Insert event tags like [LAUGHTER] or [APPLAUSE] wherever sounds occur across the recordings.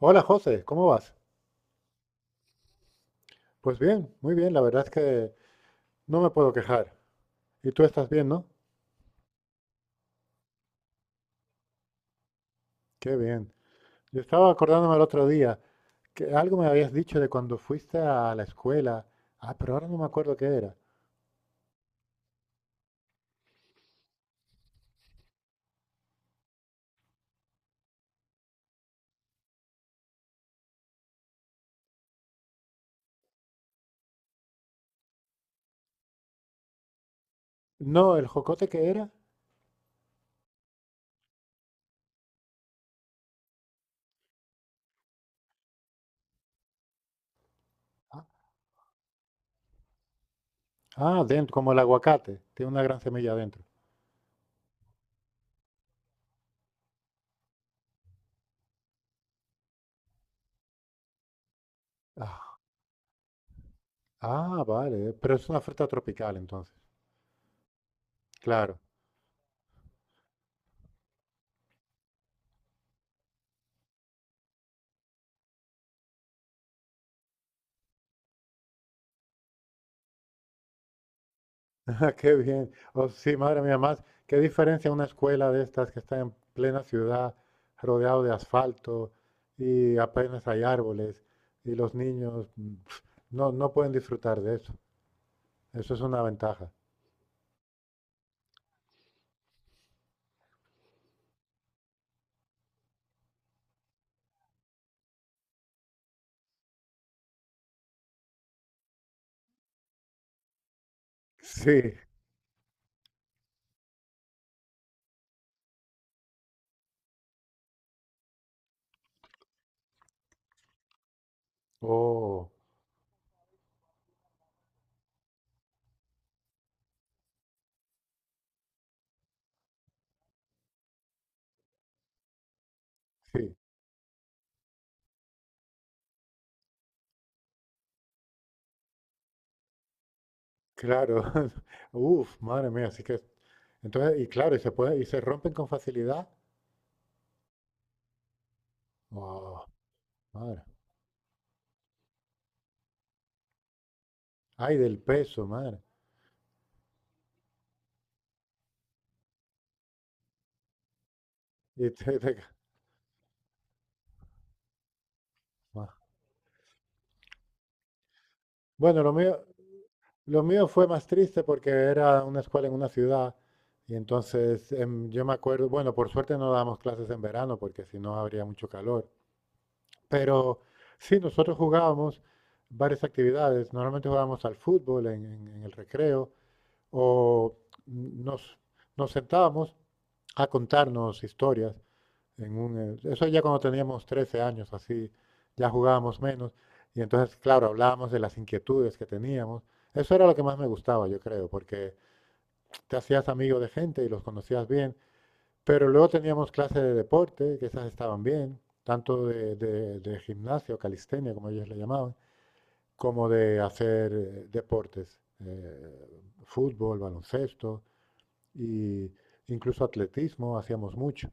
Hola José, ¿cómo vas? Pues bien, muy bien, la verdad es que no me puedo quejar. ¿Y tú estás bien, no? Qué bien. Yo estaba acordándome el otro día que algo me habías dicho de cuando fuiste a la escuela. Ah, pero ahora no me acuerdo qué era. No, el jocote que era. Ah, dentro, como el aguacate. Tiene una gran semilla dentro. Ah, ah, vale. Pero es una fruta tropical entonces. Claro. [LAUGHS] Ah, qué bien. Oh, sí, madre mía, más, qué diferencia una escuela de estas que está en plena ciudad, rodeado de asfalto y apenas hay árboles y los niños no pueden disfrutar de eso. Eso es una ventaja. Sí, oh, sí, claro. [LAUGHS] Uf, madre mía, así que entonces y claro, y se puede y se rompen con facilidad. Oh, madre. Ay, del peso, madre. Y te- te [LAUGHS] ma- Bueno, lo mío, lo mío fue más triste porque era una escuela en una ciudad y entonces yo me acuerdo, bueno, por suerte no dábamos clases en verano porque si no habría mucho calor, pero sí, nosotros jugábamos varias actividades, normalmente jugábamos al fútbol en, en el recreo o nos, nos sentábamos a contarnos historias eso ya cuando teníamos 13 años, así, ya jugábamos menos. Y entonces, claro, hablábamos de las inquietudes que teníamos. Eso era lo que más me gustaba, yo creo, porque te hacías amigo de gente y los conocías bien. Pero luego teníamos clases de deporte, que esas estaban bien, tanto de, de gimnasio, calistenia, como ellos le llamaban, como de hacer deportes, fútbol, baloncesto, y incluso atletismo, hacíamos mucho.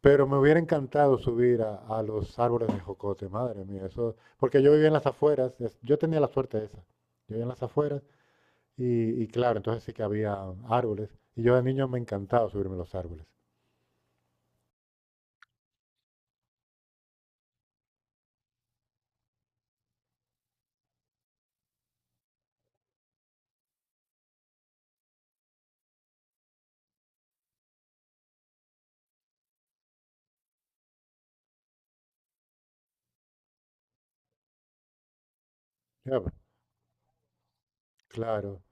Pero me hubiera encantado subir a los árboles de jocote, madre mía, eso, porque yo vivía en las afueras, yo tenía la suerte esa, yo vivía en las afueras y claro, entonces sí que había árboles y yo de niño me encantaba subirme a los árboles. Ya, pues, claro,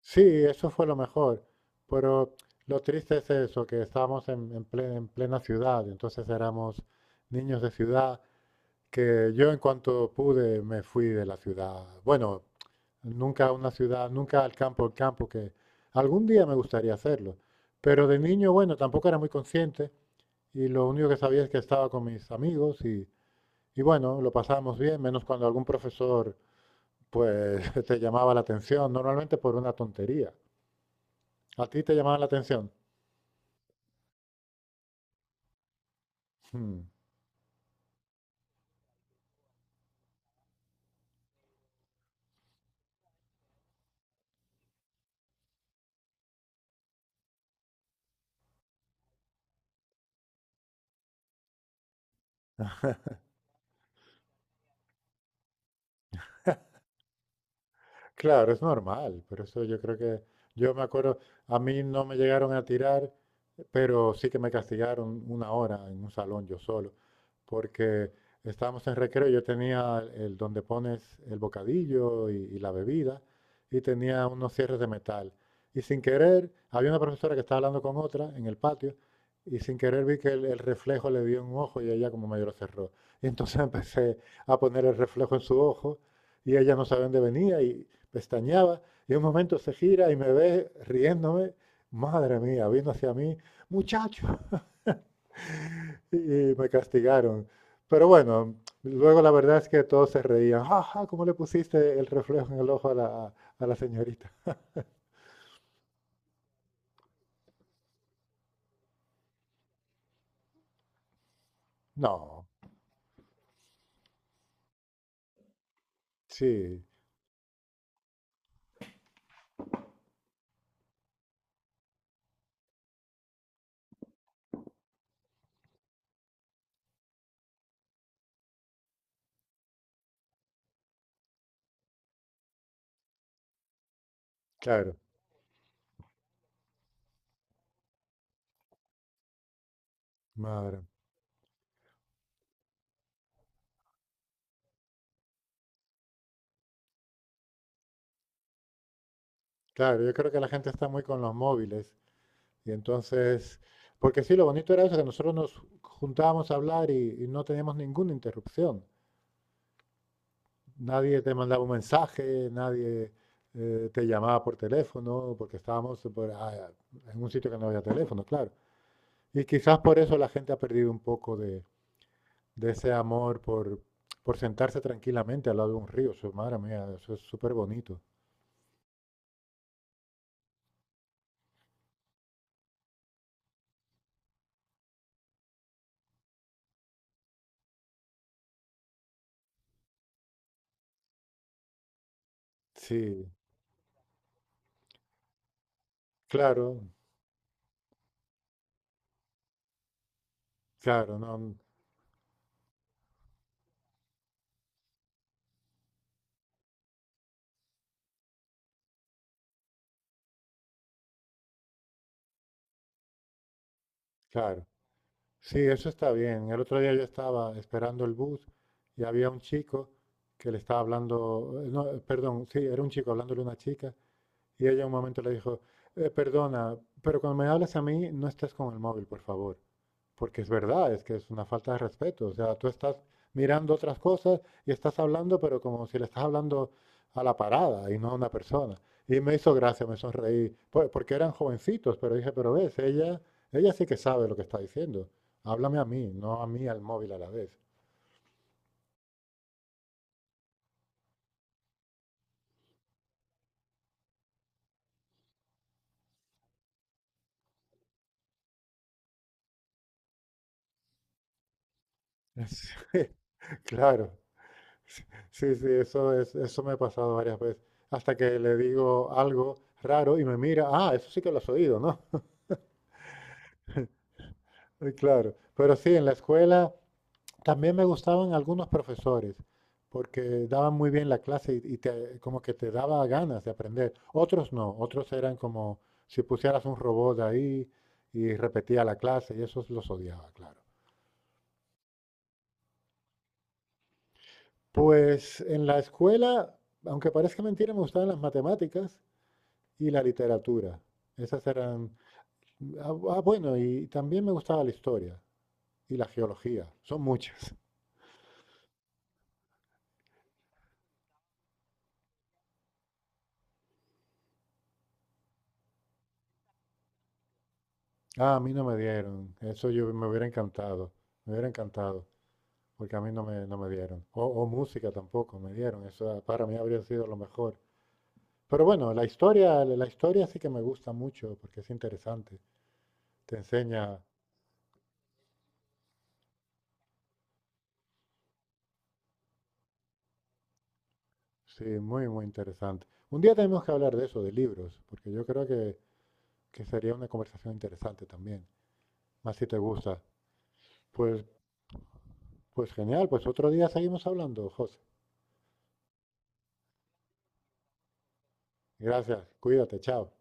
sí, eso fue lo mejor, pero lo triste es eso, que estábamos en, en plena ciudad, entonces éramos niños de ciudad que yo en cuanto pude me fui de la ciudad. Bueno, nunca a una ciudad, nunca al campo, al campo, que algún día me gustaría hacerlo. Pero de niño, bueno, tampoco era muy consciente y lo único que sabía es que estaba con mis amigos y bueno, lo pasábamos bien, menos cuando algún profesor pues [LAUGHS] te llamaba la atención, normalmente por una tontería. ¿A ti te llamaba la atención? Hmm. Claro, es normal. Por eso yo creo que, yo me acuerdo, a mí no me llegaron a tirar, pero sí que me castigaron una hora en un salón yo solo, porque estábamos en recreo, yo tenía el donde pones el bocadillo y la bebida, y tenía unos cierres de metal. Y sin querer, había una profesora que estaba hablando con otra en el patio, y sin querer vi que el reflejo le dio en un ojo y ella como medio lo cerró. Y entonces [LAUGHS] empecé a poner el reflejo en su ojo y ella no sabía dónde venía y, pestañeaba y en un momento se gira y me ve riéndome, madre mía, vino hacia mí, muchacho, [LAUGHS] y me castigaron. Pero bueno, luego la verdad es que todos se reían, jaja, ¿cómo le pusiste el reflejo en el ojo a la señorita? No, sí, claro, madre. Claro, yo creo que la gente está muy con los móviles y entonces, porque sí, lo bonito era eso, que nosotros nos juntábamos a hablar y no teníamos ninguna interrupción. Nadie te mandaba un mensaje, nadie te llamaba por teléfono, porque estábamos en un sitio que no había teléfono, claro. Y quizás por eso la gente ha perdido un poco de ese amor por sentarse tranquilamente al lado de un río. Eso, madre mía, eso es súper bonito. Sí, claro, claro, no, claro. Sí, eso está bien. El otro día yo estaba esperando el bus y había un chico que le estaba hablando, no, perdón, sí, era un chico hablándole a una chica. Y ella un momento le dijo, perdona, pero cuando me hablas a mí, no estés con el móvil, por favor. Porque es verdad, es que es una falta de respeto. O sea, tú estás mirando otras cosas y estás hablando, pero como si le estás hablando a la parada y no a una persona. Y me hizo gracia, me sonreí, porque eran jovencitos, pero dije, pero ves, ella sí que sabe lo que está diciendo. Háblame a mí, no a mí al móvil a la vez. [LAUGHS] Es- Claro. Sí, sí, eso es, eso me ha pasado varias veces. Hasta que le digo algo raro y me mira, ah, eso sí que lo has oído, ¿no? [LAUGHS] Y claro. Pero sí, en la escuela también me gustaban algunos profesores, porque daban muy bien la clase y como que te daba ganas de aprender. Otros no, otros eran como si pusieras un robot ahí y repetía la clase y esos los odiaba, claro. Pues en la escuela, aunque parezca mentira, me gustaban las matemáticas y la literatura. Esas eran. Ah, ah, bueno, y también me gustaba la historia y la geología. Son muchas. Ah, a mí no me dieron. Eso yo me hubiera encantado. Me hubiera encantado. Porque a mí no me dieron. O música tampoco me dieron. Eso para mí habría sido lo mejor. Pero bueno, la historia sí que me gusta mucho porque es interesante. Te enseña, sí, muy, muy interesante. Un día tenemos que hablar de eso, de libros, porque yo creo que sería una conversación interesante también. Más si te gusta. Pues, pues genial, pues otro día seguimos hablando, José. Gracias, cuídate, chao.